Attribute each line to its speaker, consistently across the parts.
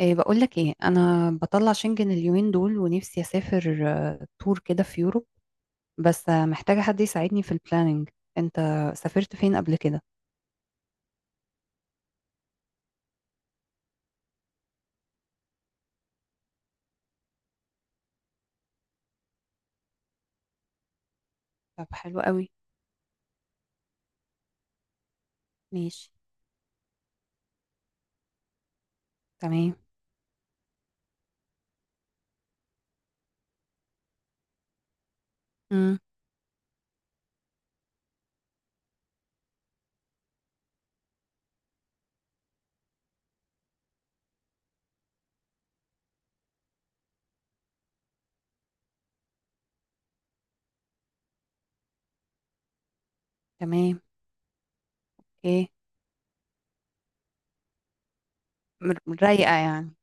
Speaker 1: إيه بقول لك ايه انا بطلع شنجن اليومين دول ونفسي اسافر تور كده في يوروب. بس محتاجة حد يساعدني في البلاننج. انت سافرت فين قبل كده؟ طب حلو قوي. ماشي. تمام. امم. تمام. ايه. م- رايقة يعني.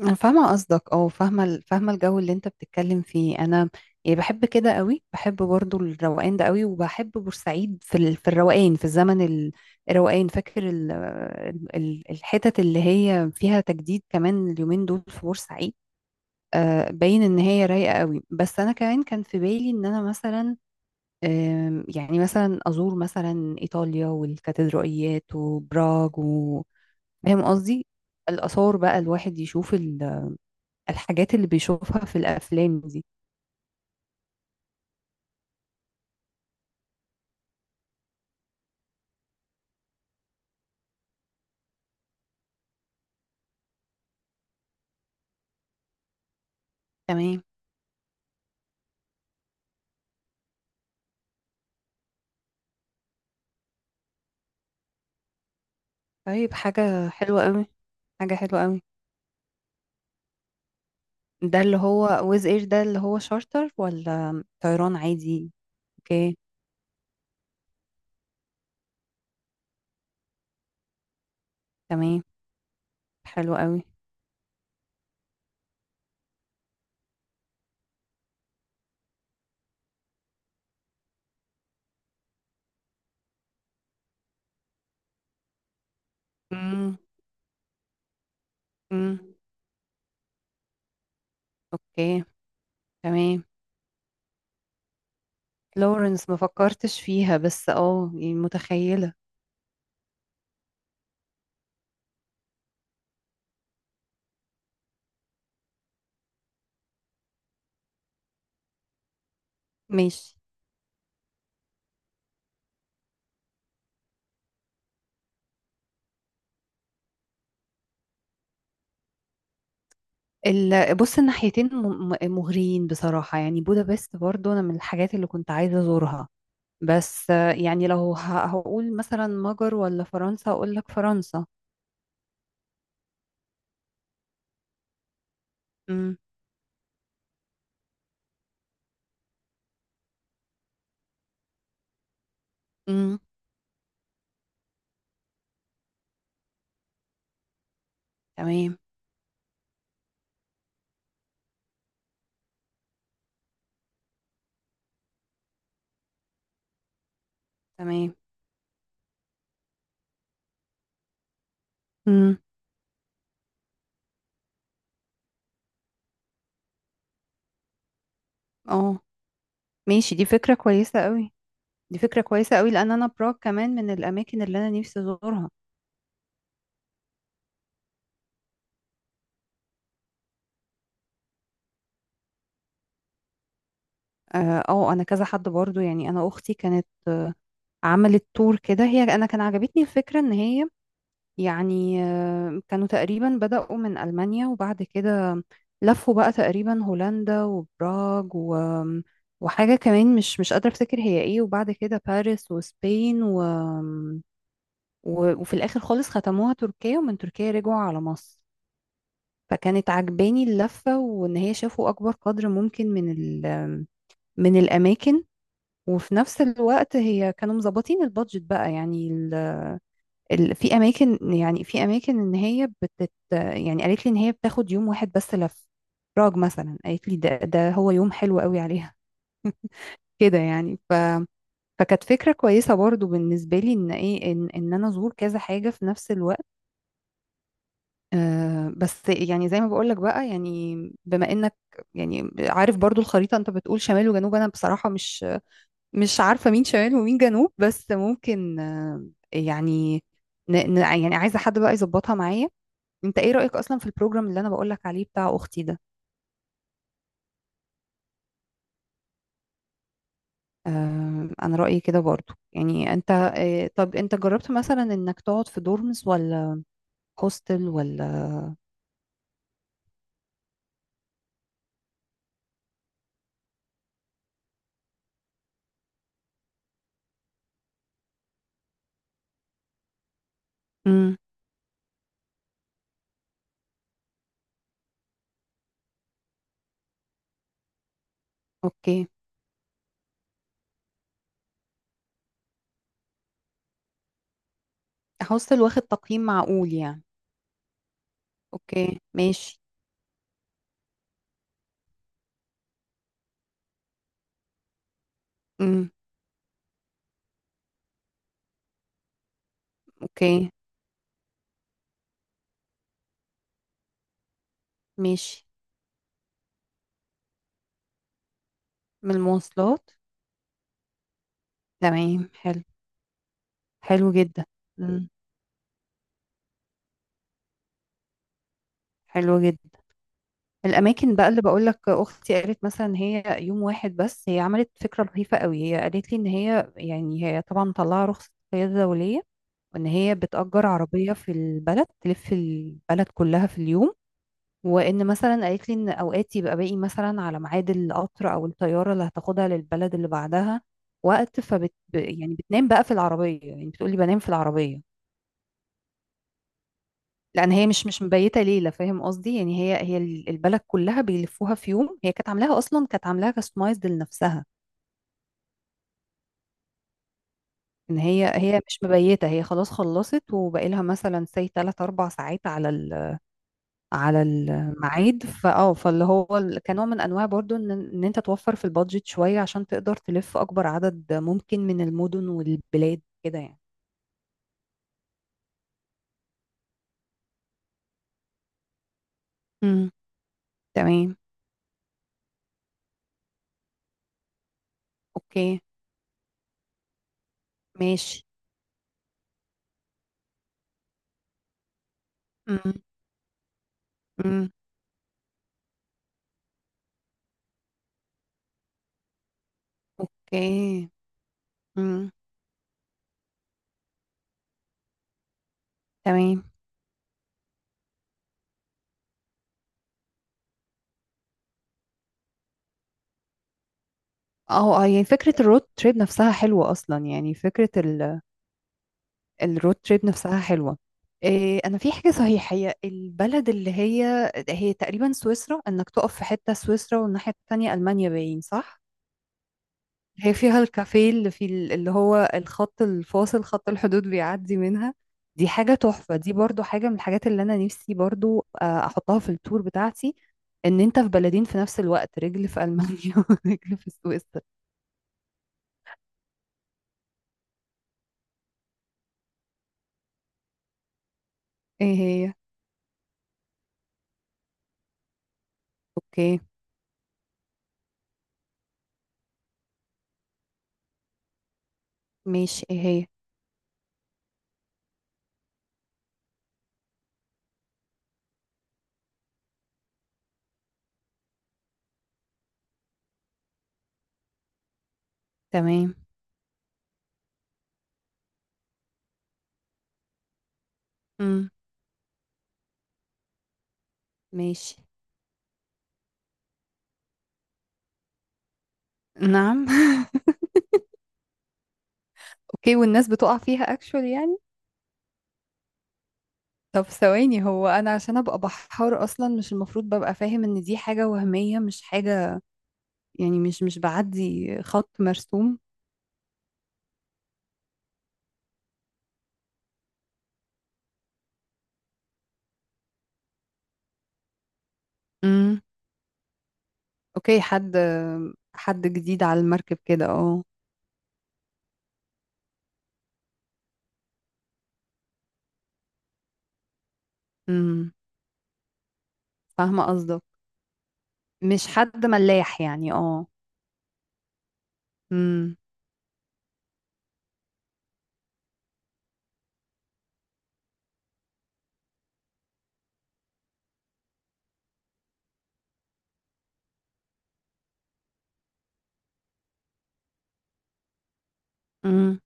Speaker 1: أنا فاهمة قصدك، اه، فاهمة الجو اللي انت بتتكلم فيه. انا يعني بحب كده قوي، بحب برضو الروقان ده قوي، وبحب بورسعيد في في الروقان، في الزمن الروقان، فاكر الحتت اللي هي فيها تجديد كمان اليومين دول في بورسعيد. آه باين ان هي رايقة قوي، بس انا كمان كان في بالي ان انا مثلا، يعني مثلا ازور مثلا ايطاليا والكاتدرائيات وبراغ و... فاهم قصدي؟ الآثار بقى الواحد يشوف الحاجات اللي بيشوفها في الافلام دي. تمام. طيب حاجة حلوة قوي. حاجة حلوة قوي. ده اللي هو ويز اير ده اللي هو شارتر ولا طيران عادي؟ اوكي. تمام حلو قوي. امم. امم. اوكي. تمام. لورنس ما فكرتش فيها، بس اه يعني متخيلة. ماشي. بص الناحيتين مغريين بصراحة، يعني بودابست برضو انا من الحاجات اللي كنت عايزة ازورها، بس يعني لو هقول مثلا مجر ولا فرنسا، هقول لك فرنسا. امم. امم. تمام. تمام. امم. اه. ماشي، دي فكرة كويسة قوي. دي فكرة كويسة قوي لان انا براغ كمان من الاماكن اللي انا نفسي ازورها. اه انا كذا حد برضو، يعني انا اختي كانت عملت تور كده هي، انا كان عجبتني الفكرة ان هي يعني كانوا تقريبا بدأوا من ألمانيا، وبعد كده لفوا بقى تقريبا هولندا وبراغ و... وحاجة كمان مش قادرة أفتكر هي إيه، وبعد كده باريس وسبين و... و... وفي الآخر خالص ختموها تركيا، ومن تركيا رجعوا على مصر. فكانت عجباني اللفة، وإن هي شافوا أكبر قدر ممكن من من الأماكن، وفي نفس الوقت هي كانوا مظبطين البادجت بقى يعني. في اماكن، يعني في اماكن ان هي بتت يعني قالت لي ان هي بتاخد يوم واحد بس لف براغ مثلا، قالت لي ده هو يوم حلو قوي عليها. كده يعني ف فكانت فكرة كويسة برضو بالنسبة لي ان ايه، ان انا ازور كذا حاجة في نفس الوقت. آه بس يعني زي ما بقولك بقى يعني، بما انك يعني عارف برضو الخريطة، انت بتقول شمال وجنوب، انا بصراحة مش عارفة مين شمال ومين جنوب، بس ممكن آه يعني يعني عايزة حد بقى يظبطها معايا. انت ايه رأيك اصلا في البروجرام اللي انا بقولك عليه بتاع اختي ده؟ آه انا رأيي كده برضو، يعني انت آه طب انت جربت مثلا انك تقعد في دورمز ولا هوستل ولا؟ امم. اوكي. هوستل واخد تقييم معقول يعني. اوكي ماشي. امم. اوكي ماشي. من المواصلات. تمام حلو. حلو جدا. امم. حلو جدا. الاماكن بقى اللي بقول لك اختي قالت مثلا هي يوم واحد بس، هي عملت فكره لطيفه قوي، هي قالت لي ان هي يعني هي طبعا مطلعه رخصه قياده دوليه، وان هي بتأجر عربيه في البلد، تلف البلد كلها في اليوم، وان مثلا قالت لي ان اوقات يبقى باقي مثلا على ميعاد القطر او الطياره اللي هتاخدها للبلد اللي بعدها وقت، فبت يعني بتنام بقى في العربيه، يعني بتقولي بنام في العربيه لان هي مش مبيته ليله، فاهم قصدي؟ يعني هي البلد كلها بيلفوها في يوم، هي كانت عاملاها اصلا، كانت عاملاها كاستمايزد لنفسها، ان هي مش مبيته، هي خلاص خلصت وباقي لها مثلا سي 3 4 ساعات على على الميعاد، فاه كنوع من انواع برضو ان انت توفر في البادجت شويه عشان تقدر تلف اكبر عدد ممكن من المدن والبلاد كده يعني. امم. تمام. اوكي ماشي. امم. امم. اوكي. امم. تمام. اه اه يعني فكرة الرود تريب نفسها حلوة أصلا، يعني فكرة الرود تريب نفسها حلوة. إيه أنا في حاجة صحيحة، هي البلد اللي هي تقريبا سويسرا، إنك تقف في حتة سويسرا والناحية التانية ألمانيا، باين صح؟ هي فيها الكافيه اللي في اللي هو الخط الفاصل، خط الحدود بيعدي منها. دي حاجة تحفة، دي برضو حاجة من الحاجات اللي أنا نفسي برضو أحطها في التور بتاعتي، إن أنت في بلدين في نفس الوقت، رجل في ألمانيا ورجل في سويسرا. إيه هي؟ أوكي. ماشي ايه هي. تمام. امم. ماشي. نعم. اوكي، والناس بتقع فيها اكشول يعني؟ طب ثواني، هو انا عشان ابقى بحار اصلا مش المفروض ببقى فاهم ان دي حاجة وهمية مش حاجة يعني، مش بعدي خط مرسوم؟ امم. اوكي. حد، حد جديد على المركب كده اه. امم. فاهمة قصدك. مش حد ملاح يعني اه. امم. امم.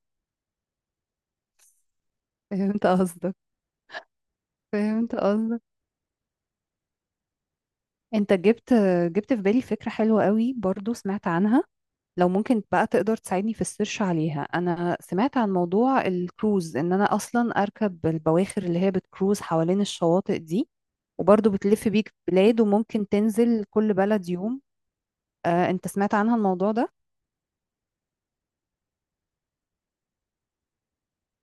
Speaker 1: فهمت قصدك. فهمت قصدك. انت جبت، جبت في بالي فكرة حلوة قوي برضو، سمعت عنها لو ممكن بقى تقدر تساعدني في السيرش عليها. انا سمعت عن موضوع الكروز ان انا اصلا اركب البواخر اللي هي بتكروز حوالين الشواطئ دي، وبرضه بتلف بيك بلاد وممكن تنزل كل بلد يوم. انت سمعت عنها الموضوع ده؟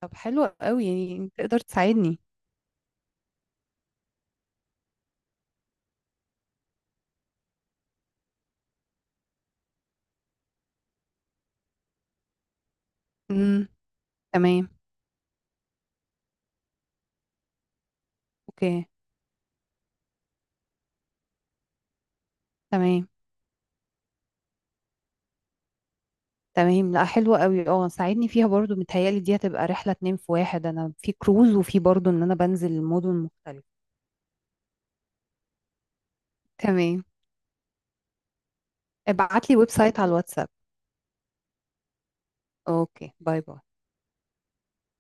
Speaker 1: طب حلو قوي، يعني تقدر تساعدني. امم. تمام. اوكي. تمام. تمام لا حلوة قوي اه، ساعدني فيها برضو، متهيألي دي هتبقى رحلة اتنين في واحد، انا في كروز وفي برضو ان انا بنزل مدن مختلفة. تمام. ابعت لي ويب سايت على الواتساب. اوكي باي باي.